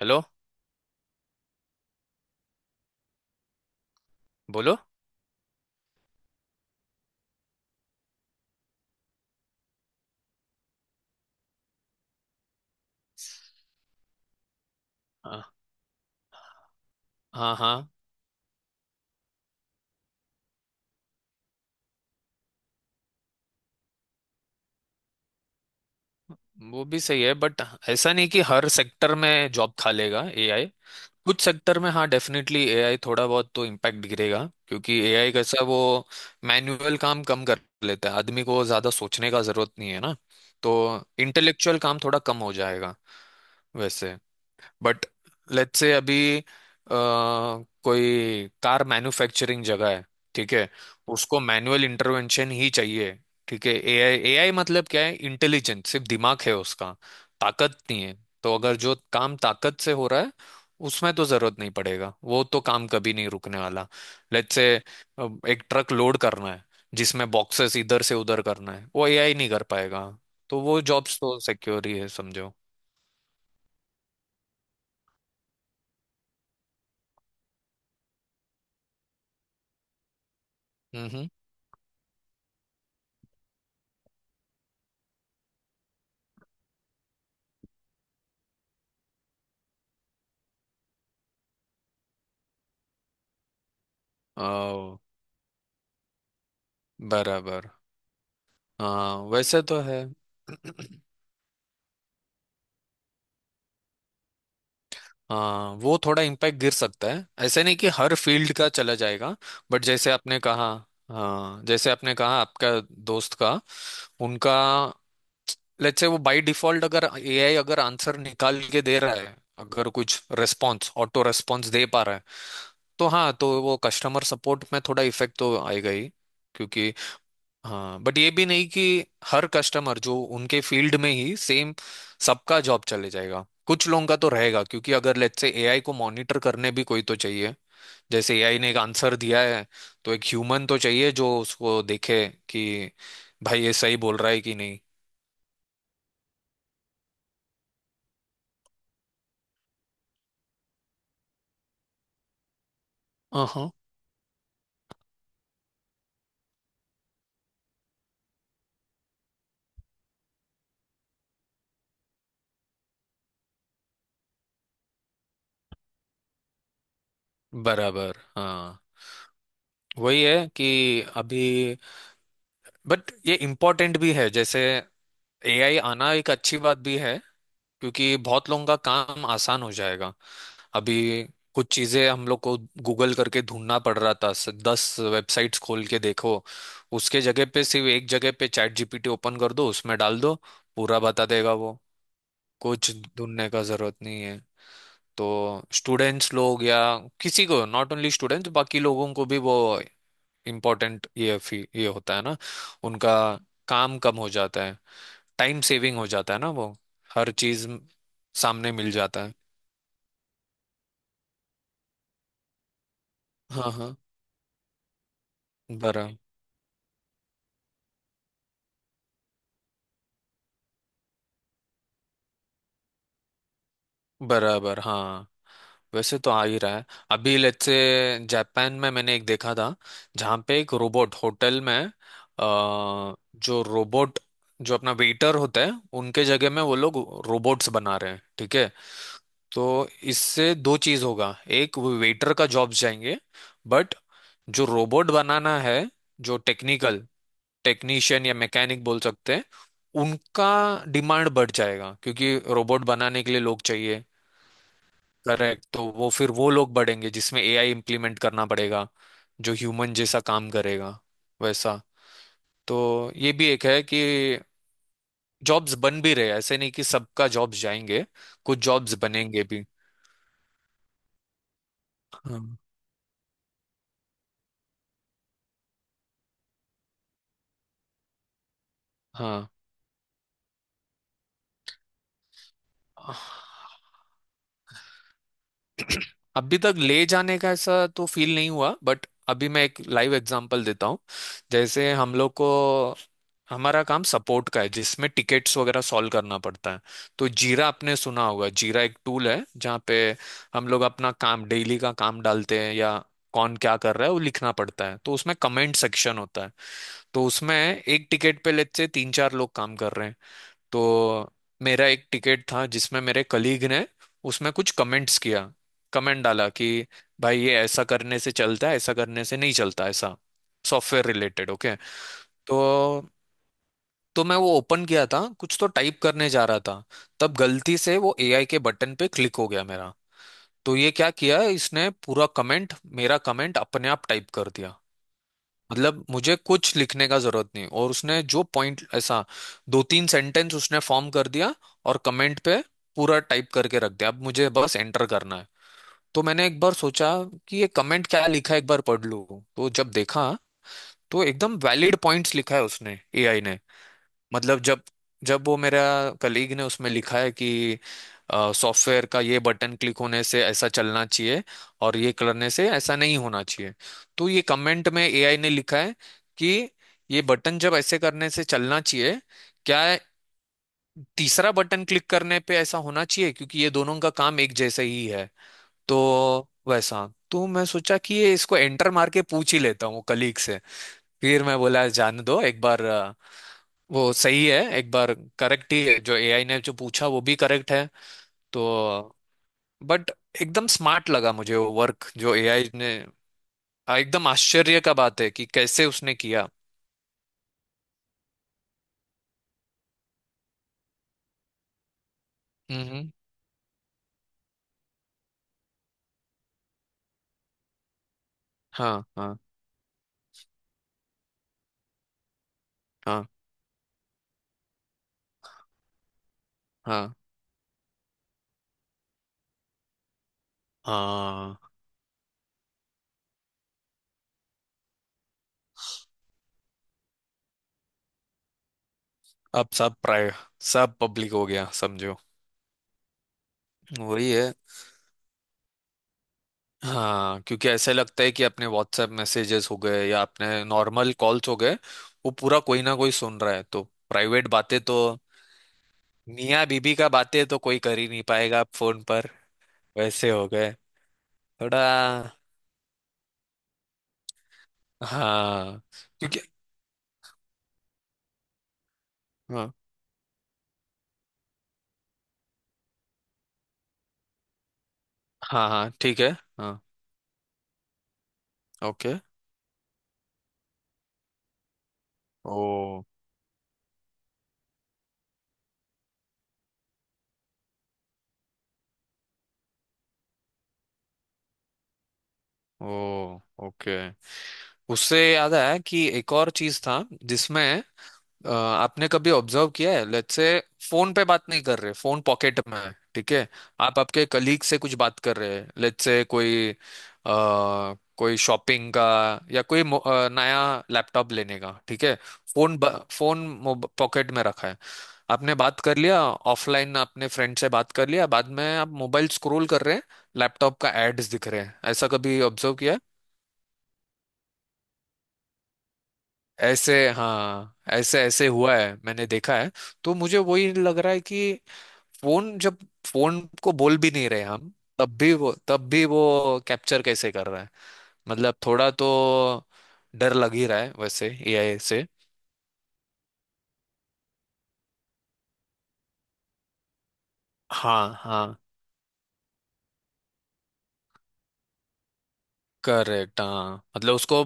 Hello. बोलो। हाँ हाँ। हाँ, वो भी सही है, बट ऐसा नहीं कि हर सेक्टर में जॉब खा लेगा एआई। कुछ सेक्टर में हाँ, डेफिनेटली एआई थोड़ा बहुत तो इम्पैक्ट गिरेगा, क्योंकि एआई कैसा है, वो मैनुअल काम कम कर लेता है, आदमी को ज़्यादा सोचने का ज़रूरत नहीं है ना। तो इंटेलेक्चुअल काम थोड़ा कम हो जाएगा वैसे। बट लेट से अभी कोई कार मैन्युफैक्चरिंग जगह है, ठीक है, उसको मैनुअल इंटरवेंशन ही चाहिए। ठीक है, एआई एआई मतलब क्या है, इंटेलिजेंट सिर्फ दिमाग है उसका, ताकत नहीं है। तो अगर जो काम ताकत से हो रहा है, उसमें तो जरूरत नहीं पड़ेगा, वो तो काम कभी नहीं रुकने वाला। लेट से एक ट्रक लोड करना है जिसमें बॉक्सेस इधर से उधर करना है, वो एआई नहीं कर पाएगा। तो वो जॉब्स तो सिक्योर ही है समझो। हम्म। बराबर। हाँ वैसे तो है। हाँ वो थोड़ा इम्पैक्ट गिर सकता है, ऐसे नहीं कि हर फील्ड का चला जाएगा। बट जैसे आपने कहा, हाँ जैसे आपने कहा, आपका दोस्त का, उनका, लेट्स से वो बाय डिफॉल्ट अगर एआई अगर आंसर निकाल के दे रहा है, अगर कुछ रेस्पॉन्स ऑटो रेस्पॉन्स दे पा रहा है, तो हाँ, तो वो कस्टमर सपोर्ट में थोड़ा इफेक्ट तो आएगा ही, क्योंकि हाँ, बट ये भी नहीं कि हर कस्टमर जो उनके फील्ड में ही सेम, सबका जॉब चले जाएगा। कुछ लोगों का तो रहेगा, क्योंकि अगर लेट्स से एआई को मॉनिटर करने भी कोई तो चाहिए। जैसे एआई ने एक आंसर दिया है, तो एक ह्यूमन तो चाहिए जो उसको देखे कि भाई ये सही बोल रहा है कि नहीं। हाँ। बराबर। हाँ वही है कि अभी, बट ये इम्पोर्टेंट भी है, जैसे एआई आना एक अच्छी बात भी है, क्योंकि बहुत लोगों का काम आसान हो जाएगा। अभी कुछ चीजें हम लोग को गूगल करके ढूंढना पड़ रहा था, 10 वेबसाइट्स खोल के देखो, उसके जगह पे सिर्फ एक जगह पे चैट जीपीटी ओपन कर दो, उसमें डाल दो, पूरा बता देगा वो। कुछ ढूंढने का जरूरत नहीं है। तो स्टूडेंट्स लोग या किसी को, नॉट ओनली स्टूडेंट्स, बाकी लोगों को भी वो इम्पोर्टेंट ये ये होता है ना। उनका काम कम हो जाता है, टाइम सेविंग हो जाता है ना वो, हर चीज सामने मिल जाता है। हाँ हाँ। बरा बराबर। हाँ वैसे तो आ ही रहा है। अभी लेट्स से जापान में मैंने एक देखा था जहाँ पे एक रोबोट होटल में, जो रोबोट जो अपना वेटर होता है, उनके जगह में वो लोग रोबोट्स बना रहे हैं, ठीक है। तो इससे दो चीज होगा, एक वेटर का जॉब्स जाएंगे, बट जो रोबोट बनाना है, जो टेक्निकल टेक्नीशियन या मैकेनिक बोल सकते हैं, उनका डिमांड बढ़ जाएगा, क्योंकि रोबोट बनाने के लिए लोग चाहिए। करेक्ट, तो वो फिर वो लोग बढ़ेंगे जिसमें एआई इम्प्लीमेंट करना पड़ेगा, जो ह्यूमन जैसा काम करेगा वैसा। तो ये भी एक है कि जॉब्स बन भी रहे हैं, ऐसे नहीं कि सबका जॉब्स जाएंगे। कुछ जॉब्स बनेंगे भी। हाँ। हाँ अभी तक ले जाने का ऐसा तो फील नहीं हुआ, बट अभी मैं एक लाइव एग्जांपल देता हूँ। जैसे हम लोग को, हमारा काम सपोर्ट का है जिसमें टिकेट्स वगैरह सॉल्व करना पड़ता है। तो जीरा आपने सुना होगा, जीरा एक टूल है जहाँ पे हम लोग अपना काम, डेली का काम डालते हैं, या कौन क्या कर रहा है वो लिखना पड़ता है। तो उसमें कमेंट सेक्शन होता है। तो उसमें एक टिकट पे लेते से तीन चार लोग काम कर रहे हैं। तो मेरा एक टिकट था जिसमें मेरे कलीग ने उसमें कुछ कमेंट्स किया, कमेंट डाला कि भाई ये ऐसा करने से चलता है, ऐसा करने से नहीं चलता, ऐसा सॉफ्टवेयर रिलेटेड। ओके, तो तो मैं वो ओपन किया था, कुछ तो टाइप करने जा रहा था, तब गलती से वो एआई के बटन पे क्लिक हो गया मेरा। तो ये क्या किया इसने, पूरा कमेंट, मेरा कमेंट अपने आप टाइप कर दिया। मतलब मुझे कुछ लिखने का जरूरत नहीं, और उसने जो पॉइंट ऐसा, दो तीन सेंटेंस उसने फॉर्म कर दिया, और कमेंट पे पूरा टाइप करके रख दिया, अब मुझे बस एंटर करना है। तो मैंने एक बार सोचा कि ये कमेंट क्या लिखा है, एक बार पढ़ लूँ। तो जब देखा, तो एकदम वैलिड पॉइंट्स लिखा है उसने, एआई ने। मतलब जब जब वो मेरा कलीग ने उसमें लिखा है कि सॉफ्टवेयर का ये बटन क्लिक होने से ऐसा चलना चाहिए और ये करने से ऐसा नहीं होना चाहिए। तो ये कमेंट में एआई ने लिखा है कि ये बटन जब ऐसे करने से चलना चाहिए, क्या तीसरा बटन क्लिक करने पे ऐसा होना चाहिए, क्योंकि ये दोनों का काम एक जैसा ही है। तो वैसा तो मैं सोचा कि ये इसको एंटर मार के पूछ ही लेता हूँ कलीग से। फिर मैं बोला जाने दो एक बार, वो सही है एक बार, करेक्ट ही है जो एआई ने, जो पूछा वो भी करेक्ट है। तो बट एकदम स्मार्ट लगा मुझे वो वर्क जो एआई ने। एकदम आश्चर्य का बात है कि कैसे उसने किया। हम्म। हाँ हाँ। हाँ हाँ। हाँ। अब सब पब्लिक हो गया समझो। वही है। हाँ क्योंकि ऐसे लगता है कि अपने व्हाट्सएप मैसेजेस हो गए या अपने नॉर्मल कॉल्स हो गए, वो पूरा कोई ना कोई सुन रहा है। तो प्राइवेट बातें तो, मियाँ बीबी का बातें तो कोई कर ही नहीं पाएगा अब फोन पर, वैसे हो गए। थोड़ा हाँ। क्योंकि हाँ। हाँ हाँ ठीक है। हाँ। ओके। ओ। ओ ओके, उससे याद आया कि एक और चीज था जिसमें, आपने कभी ऑब्जर्व किया है, लेट्स से फोन पे बात नहीं कर रहे, फोन पॉकेट में है, ठीक है। आप आपके कलीग से कुछ बात कर रहे हैं, लेट्स से कोई कोई शॉपिंग का या कोई नया लैपटॉप लेने का, ठीक है। फोन पॉकेट में रखा है। आपने बात कर लिया, ऑफलाइन आपने फ्रेंड से बात कर लिया, बाद में आप मोबाइल स्क्रॉल कर रहे हैं, लैपटॉप का एड्स दिख रहे हैं। ऐसा कभी ऑब्जर्व किया है? ऐसे हाँ, ऐसे ऐसे हुआ है, मैंने देखा है। तो मुझे वही लग रहा है कि फोन जब, फोन को बोल भी नहीं रहे हम, तब भी वो कैप्चर कैसे कर रहा है। मतलब थोड़ा तो डर लग ही रहा है वैसे एआई से। हाँ हाँ। करेक्ट हाँ, मतलब उसको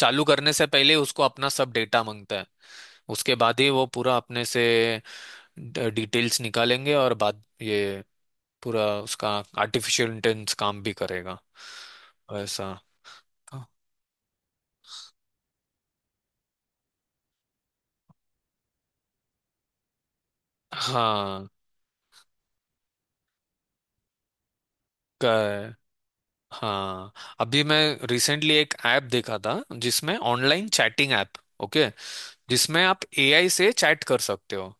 चालू करने से पहले उसको अपना सब डेटा मांगता है। उसके बाद ही वो पूरा अपने से डिटेल्स निकालेंगे, और बाद ये पूरा उसका आर्टिफिशियल इंटेलिजेंस काम भी करेगा वैसा। हाँ। कर हाँ, अभी मैं रिसेंटली एक ऐप देखा था, जिसमें ऑनलाइन चैटिंग ऐप। ओके, जिसमें आप एआई से चैट कर सकते हो।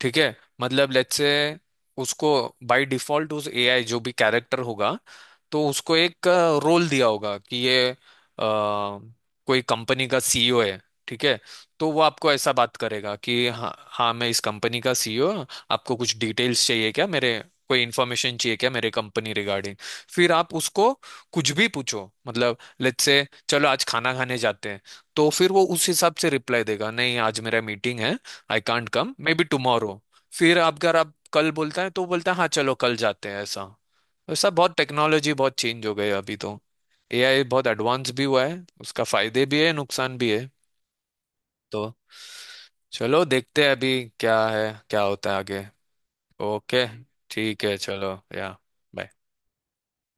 ठीक है मतलब लेट्स से उसको बाय डिफॉल्ट, उस एआई जो भी कैरेक्टर होगा, तो उसको एक रोल दिया होगा कि ये कोई कंपनी का सीईओ है, ठीक है। तो वो आपको ऐसा बात करेगा कि हाँ हाँ मैं इस कंपनी का सीईओ, आपको कुछ डिटेल्स चाहिए क्या मेरे, कोई इन्फॉर्मेशन चाहिए क्या मेरे कंपनी रिगार्डिंग। फिर आप उसको कुछ भी पूछो, मतलब लेट्स से चलो आज खाना खाने जाते हैं। तो फिर वो उस हिसाब से रिप्लाई देगा, नहीं आज मेरा मीटिंग है, I can't come maybe tomorrow. फिर आप, अगर आप कल बोलता है, तो वो बोलता है हाँ चलो कल जाते हैं ऐसा। वैसा बहुत टेक्नोलॉजी बहुत चेंज हो गई है अभी तो, एआई बहुत एडवांस भी हुआ है, उसका फायदे भी है नुकसान भी है। तो चलो देखते हैं अभी क्या है, क्या होता है आगे। ओके। ठीक है चलो या, बाय।